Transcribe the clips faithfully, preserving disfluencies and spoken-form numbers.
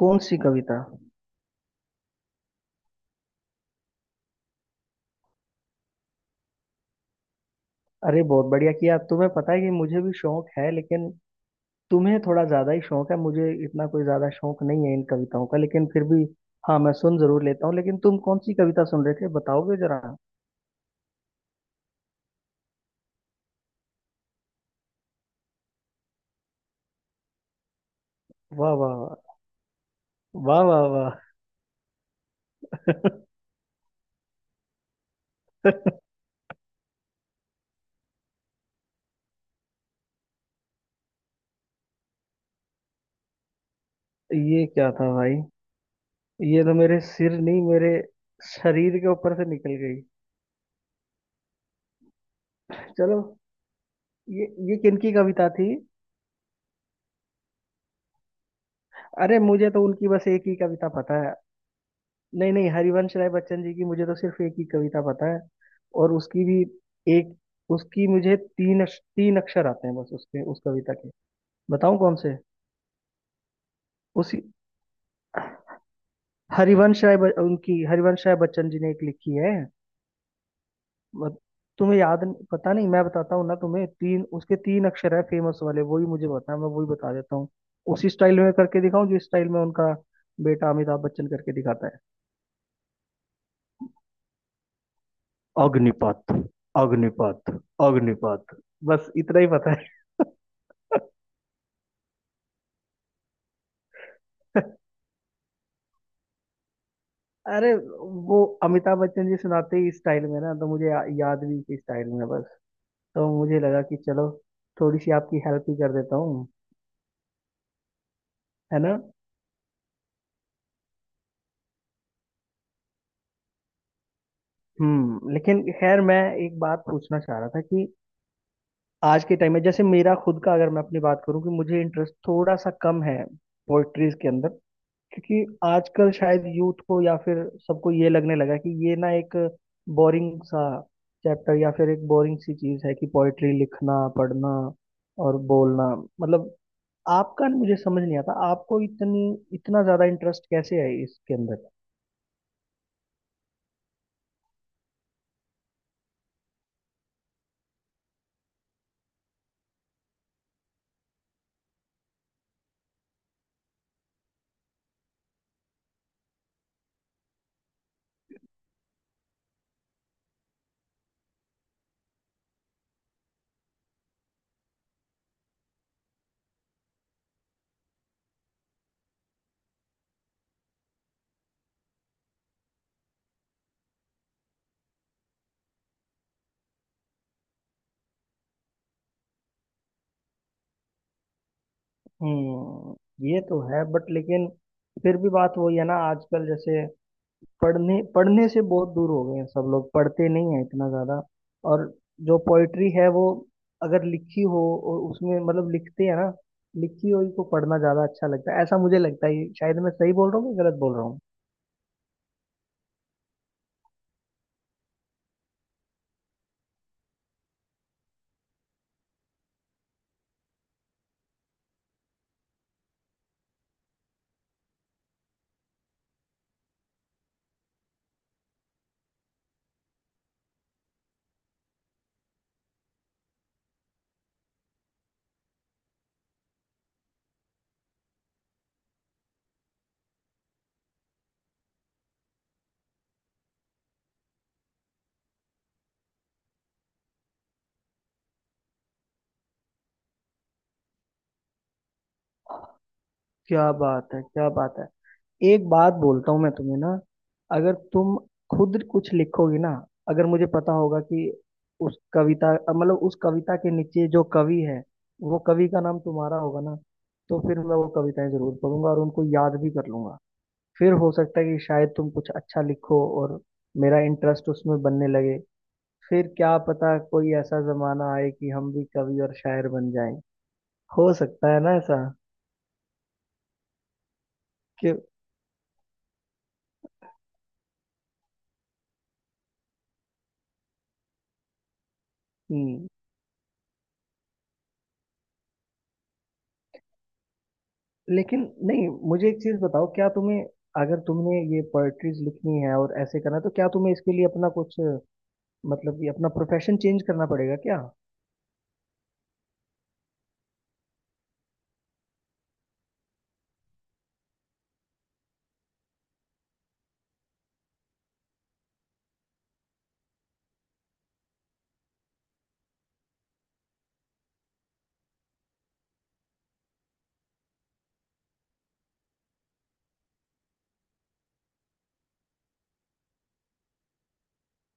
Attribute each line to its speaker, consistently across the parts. Speaker 1: कौन सी कविता? अरे बहुत बढ़िया किया। तुम्हें पता है कि मुझे भी शौक है लेकिन तुम्हें थोड़ा ज्यादा ही शौक है। मुझे इतना कोई ज्यादा शौक नहीं है इन कविताओं का, लेकिन फिर भी हाँ मैं सुन जरूर लेता हूँ। लेकिन तुम कौन सी कविता सुन रहे थे, बताओगे जरा? वाह वाह, वाह वाह, वाह वाह। ये क्या था भाई? ये तो मेरे सिर नहीं, मेरे शरीर के ऊपर से निकल गई। चलो, ये ये किनकी कविता थी? अरे मुझे तो उनकी बस एक ही कविता पता है। नहीं नहीं, हरिवंश राय बच्चन जी की मुझे तो सिर्फ एक ही कविता पता है। और उसकी भी एक, उसकी मुझे तीन अक्ष- तीन अक्षर आते हैं बस, उसके उस कविता के। बताऊं कौन से? उसी, हरिवंश राय ब- उनकी हरिवंश राय बच्चन जी ने एक लिखी है। मत- तुम्हें याद न- पता नहीं, मैं बताता हूँ ना तुम्हें। तीन उसके तीन अक्षर है फेमस वाले, वही मुझे पता है, मैं वही बता देता हूँ। उसी स्टाइल में करके दिखाऊं जिस स्टाइल में उनका बेटा अमिताभ बच्चन करके दिखाता है। अग्निपथ, अग्निपथ, अग्निपथ। बस इतना ही पता है। अरे, वो अमिताभ बच्चन जी सुनाते ही इस स्टाइल में ना, तो मुझे या, याद भी इसी स्टाइल में बस। तो मुझे लगा कि चलो, थोड़ी सी आपकी हेल्प ही कर देता हूँ। है ना? हम्म, लेकिन खैर मैं एक बात पूछना चाह रहा था कि आज के टाइम में, जैसे मेरा खुद का, अगर मैं अपनी बात करूँ, कि मुझे इंटरेस्ट थोड़ा सा कम है पोइट्रीज के अंदर। क्योंकि आजकल शायद यूथ को या फिर सबको ये लगने लगा कि ये ना एक बोरिंग सा चैप्टर, या फिर एक बोरिंग सी चीज है कि पोइट्री लिखना, पढ़ना और बोलना। मतलब आपका, मुझे समझ नहीं आता आपको इतनी, इतना ज्यादा इंटरेस्ट कैसे है इसके अंदर। हम्म, ये तो है बट लेकिन फिर भी बात वही है ना, आजकल जैसे पढ़ने पढ़ने से बहुत दूर हो गए हैं सब लोग, पढ़ते नहीं हैं इतना ज्यादा। और जो पोइट्री है वो अगर लिखी हो, और उसमें मतलब, लिखते हैं ना, लिखी हुई को पढ़ना ज्यादा अच्छा लगता है, ऐसा मुझे लगता है। ये शायद मैं सही बोल रहा हूँ कि गलत बोल रहा हूँ। क्या बात है, क्या बात है। एक बात बोलता हूँ मैं तुम्हें ना। अगर तुम खुद कुछ लिखोगी ना, अगर मुझे पता होगा कि उस कविता, मतलब उस कविता के नीचे जो कवि है, वो कवि का नाम तुम्हारा होगा ना, तो फिर मैं वो कविताएं जरूर पढ़ूंगा और उनको याद भी कर लूंगा। फिर हो सकता है कि शायद तुम कुछ अच्छा लिखो, और मेरा इंटरेस्ट उसमें बनने लगे। फिर क्या पता कोई ऐसा जमाना आए कि हम भी कवि और शायर बन जाएं। हो सकता है ना ऐसा। क्यों? हम्म, लेकिन, नहीं मुझे एक चीज बताओ, क्या तुम्हें, अगर तुमने ये पोएट्रीज लिखनी है और ऐसे करना है, तो क्या तुम्हें इसके लिए अपना कुछ, मतलब ये अपना प्रोफेशन चेंज करना पड़ेगा क्या?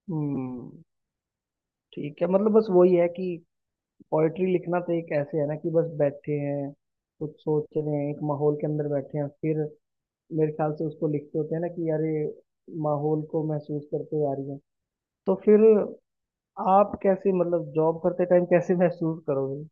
Speaker 1: हम्म, ठीक है। मतलब बस वही है कि पोएट्री लिखना तो एक ऐसे है ना कि बस बैठे हैं, कुछ सोच रहे हैं, एक माहौल के अंदर बैठे हैं, फिर मेरे ख्याल से उसको लिखते होते हैं ना कि यार ये माहौल को महसूस करते हुए आ रही है। तो फिर आप कैसे, मतलब जॉब करते टाइम कैसे महसूस करोगे?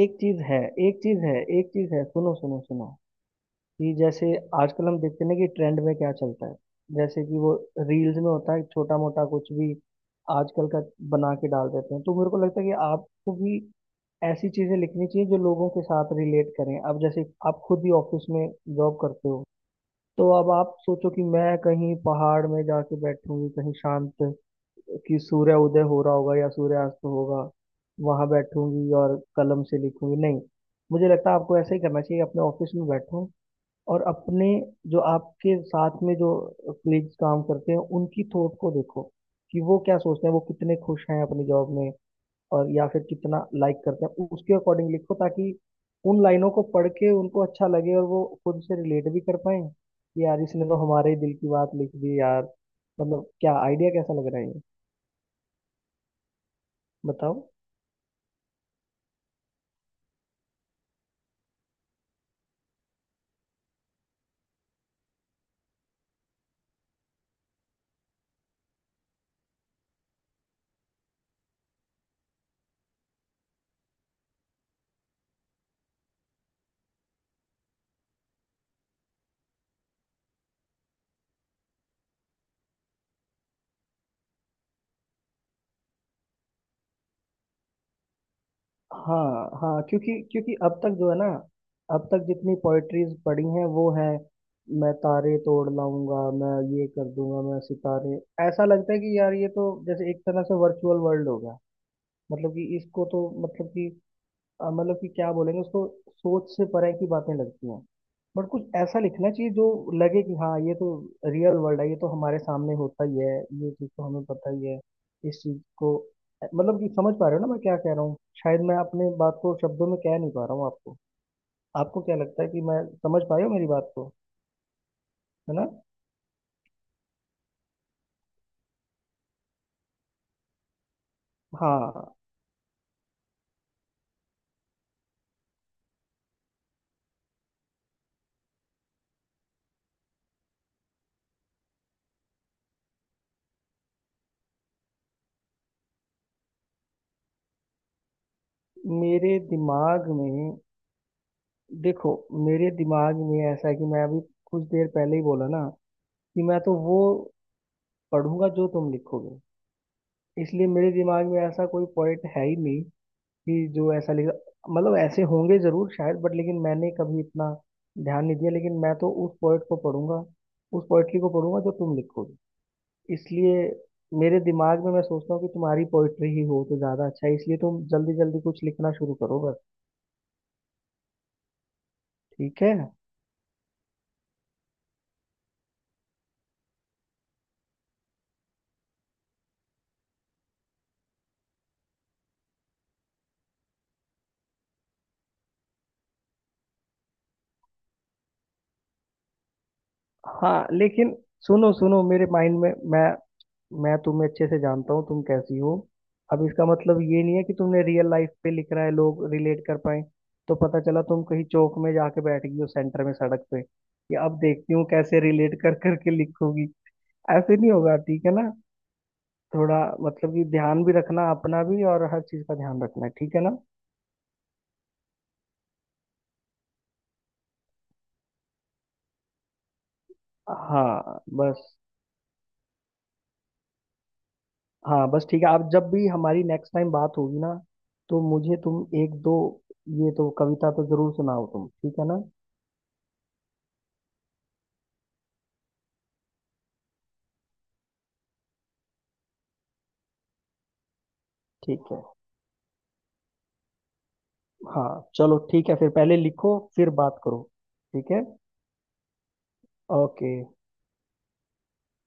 Speaker 1: एक चीज है एक चीज है एक चीज है, सुनो सुनो सुनो। कि जैसे आजकल हम देखते हैं ना कि ट्रेंड में क्या चलता है, जैसे कि वो रील्स में होता है, छोटा मोटा कुछ भी आजकल का बना के डाल देते हैं। तो मेरे को लगता है कि आपको भी ऐसी चीजें लिखनी चाहिए जो लोगों के साथ रिलेट करें। अब जैसे आप खुद ही ऑफिस में जॉब करते हो, तो अब आप सोचो कि मैं कहीं पहाड़ में जाके बैठूंगी कहीं शांत, कि सूर्य उदय हो रहा होगा या सूर्यास्त होगा, वहां बैठूंगी और कलम से लिखूंगी, नहीं। मुझे लगता है आपको ऐसा ही करना चाहिए, अपने ऑफिस में बैठो, और अपने, जो आपके साथ में जो कलीग्स काम करते हैं, उनकी थॉट को देखो कि वो क्या सोचते हैं, वो कितने खुश हैं अपनी जॉब में, और या फिर कितना लाइक करते हैं, उसके अकॉर्डिंग लिखो, ताकि उन लाइनों को पढ़ के उनको अच्छा लगे और वो खुद से रिलेट भी कर पाए कि यार इसने तो हमारे ही दिल की बात लिख दी यार। मतलब क्या आइडिया, कैसा लग रहा है ये, बताओ। हाँ हाँ, क्योंकि क्योंकि अब तक जो है ना, अब तक जितनी पोएट्रीज पढ़ी हैं वो है, मैं तारे तोड़ लाऊंगा, मैं ये कर दूंगा, मैं सितारे, ऐसा लगता है कि यार ये तो जैसे एक तरह से वर्चुअल वर्ल्ड होगा। मतलब कि इसको तो, मतलब कि अ, मतलब कि क्या बोलेंगे उसको, सोच से परे की बातें लगती हैं। बट कुछ ऐसा लिखना चाहिए जो लगे कि हाँ, ये तो रियल वर्ल्ड है, ये तो हमारे सामने होता ही है, ये चीज़ तो हमें पता ही है, इस चीज़ को, मतलब कि समझ पा रहे हो ना मैं क्या कह रहा हूँ। शायद मैं अपने बात को शब्दों में कह नहीं पा रहा हूँ आपको। आपको क्या लगता है कि मैं समझ पाए हो मेरी बात को? है ना? हाँ, मेरे दिमाग में, देखो मेरे दिमाग में ऐसा है कि मैं अभी कुछ देर पहले ही बोला ना कि मैं तो वो पढ़ूंगा जो तुम लिखोगे। इसलिए मेरे दिमाग में ऐसा कोई पॉइंट है ही नहीं कि जो ऐसा लिखा, मतलब ऐसे होंगे जरूर शायद, बट लेकिन मैंने कभी इतना ध्यान नहीं दिया। लेकिन मैं तो उस पोइट को पढ़ूंगा, उस पोइट्री को पढ़ूंगा जो तुम लिखोगे। इसलिए मेरे दिमाग में मैं सोचता हूँ कि तुम्हारी पोइट्री ही हो तो ज्यादा अच्छा है, इसलिए तुम जल्दी जल्दी कुछ लिखना शुरू करो बस। ठीक है। हाँ लेकिन, सुनो सुनो, मेरे माइंड में मैं मैं तुम्हें अच्छे से जानता हूँ, तुम कैसी हो। अब इसका मतलब ये नहीं है कि तुमने रियल लाइफ पे लिख रहा है लोग रिलेट कर पाए, तो पता चला तुम कहीं चौक में जाके बैठ गई हो सेंटर में, सड़क पे, कि अब देखती हूँ कैसे रिलेट कर करके लिखोगी। ऐसे नहीं होगा, ठीक है ना? थोड़ा मतलब कि ध्यान भी रखना अपना भी, और हर चीज का ध्यान रखना है, ठीक है ना? हाँ बस हाँ बस, ठीक है। आप जब भी हमारी नेक्स्ट टाइम बात होगी ना, तो मुझे तुम एक दो ये तो कविता तो जरूर सुनाओ तुम, ठीक है ना? ठीक है। हाँ चलो, ठीक है, फिर पहले लिखो फिर बात करो। ठीक है। ओके।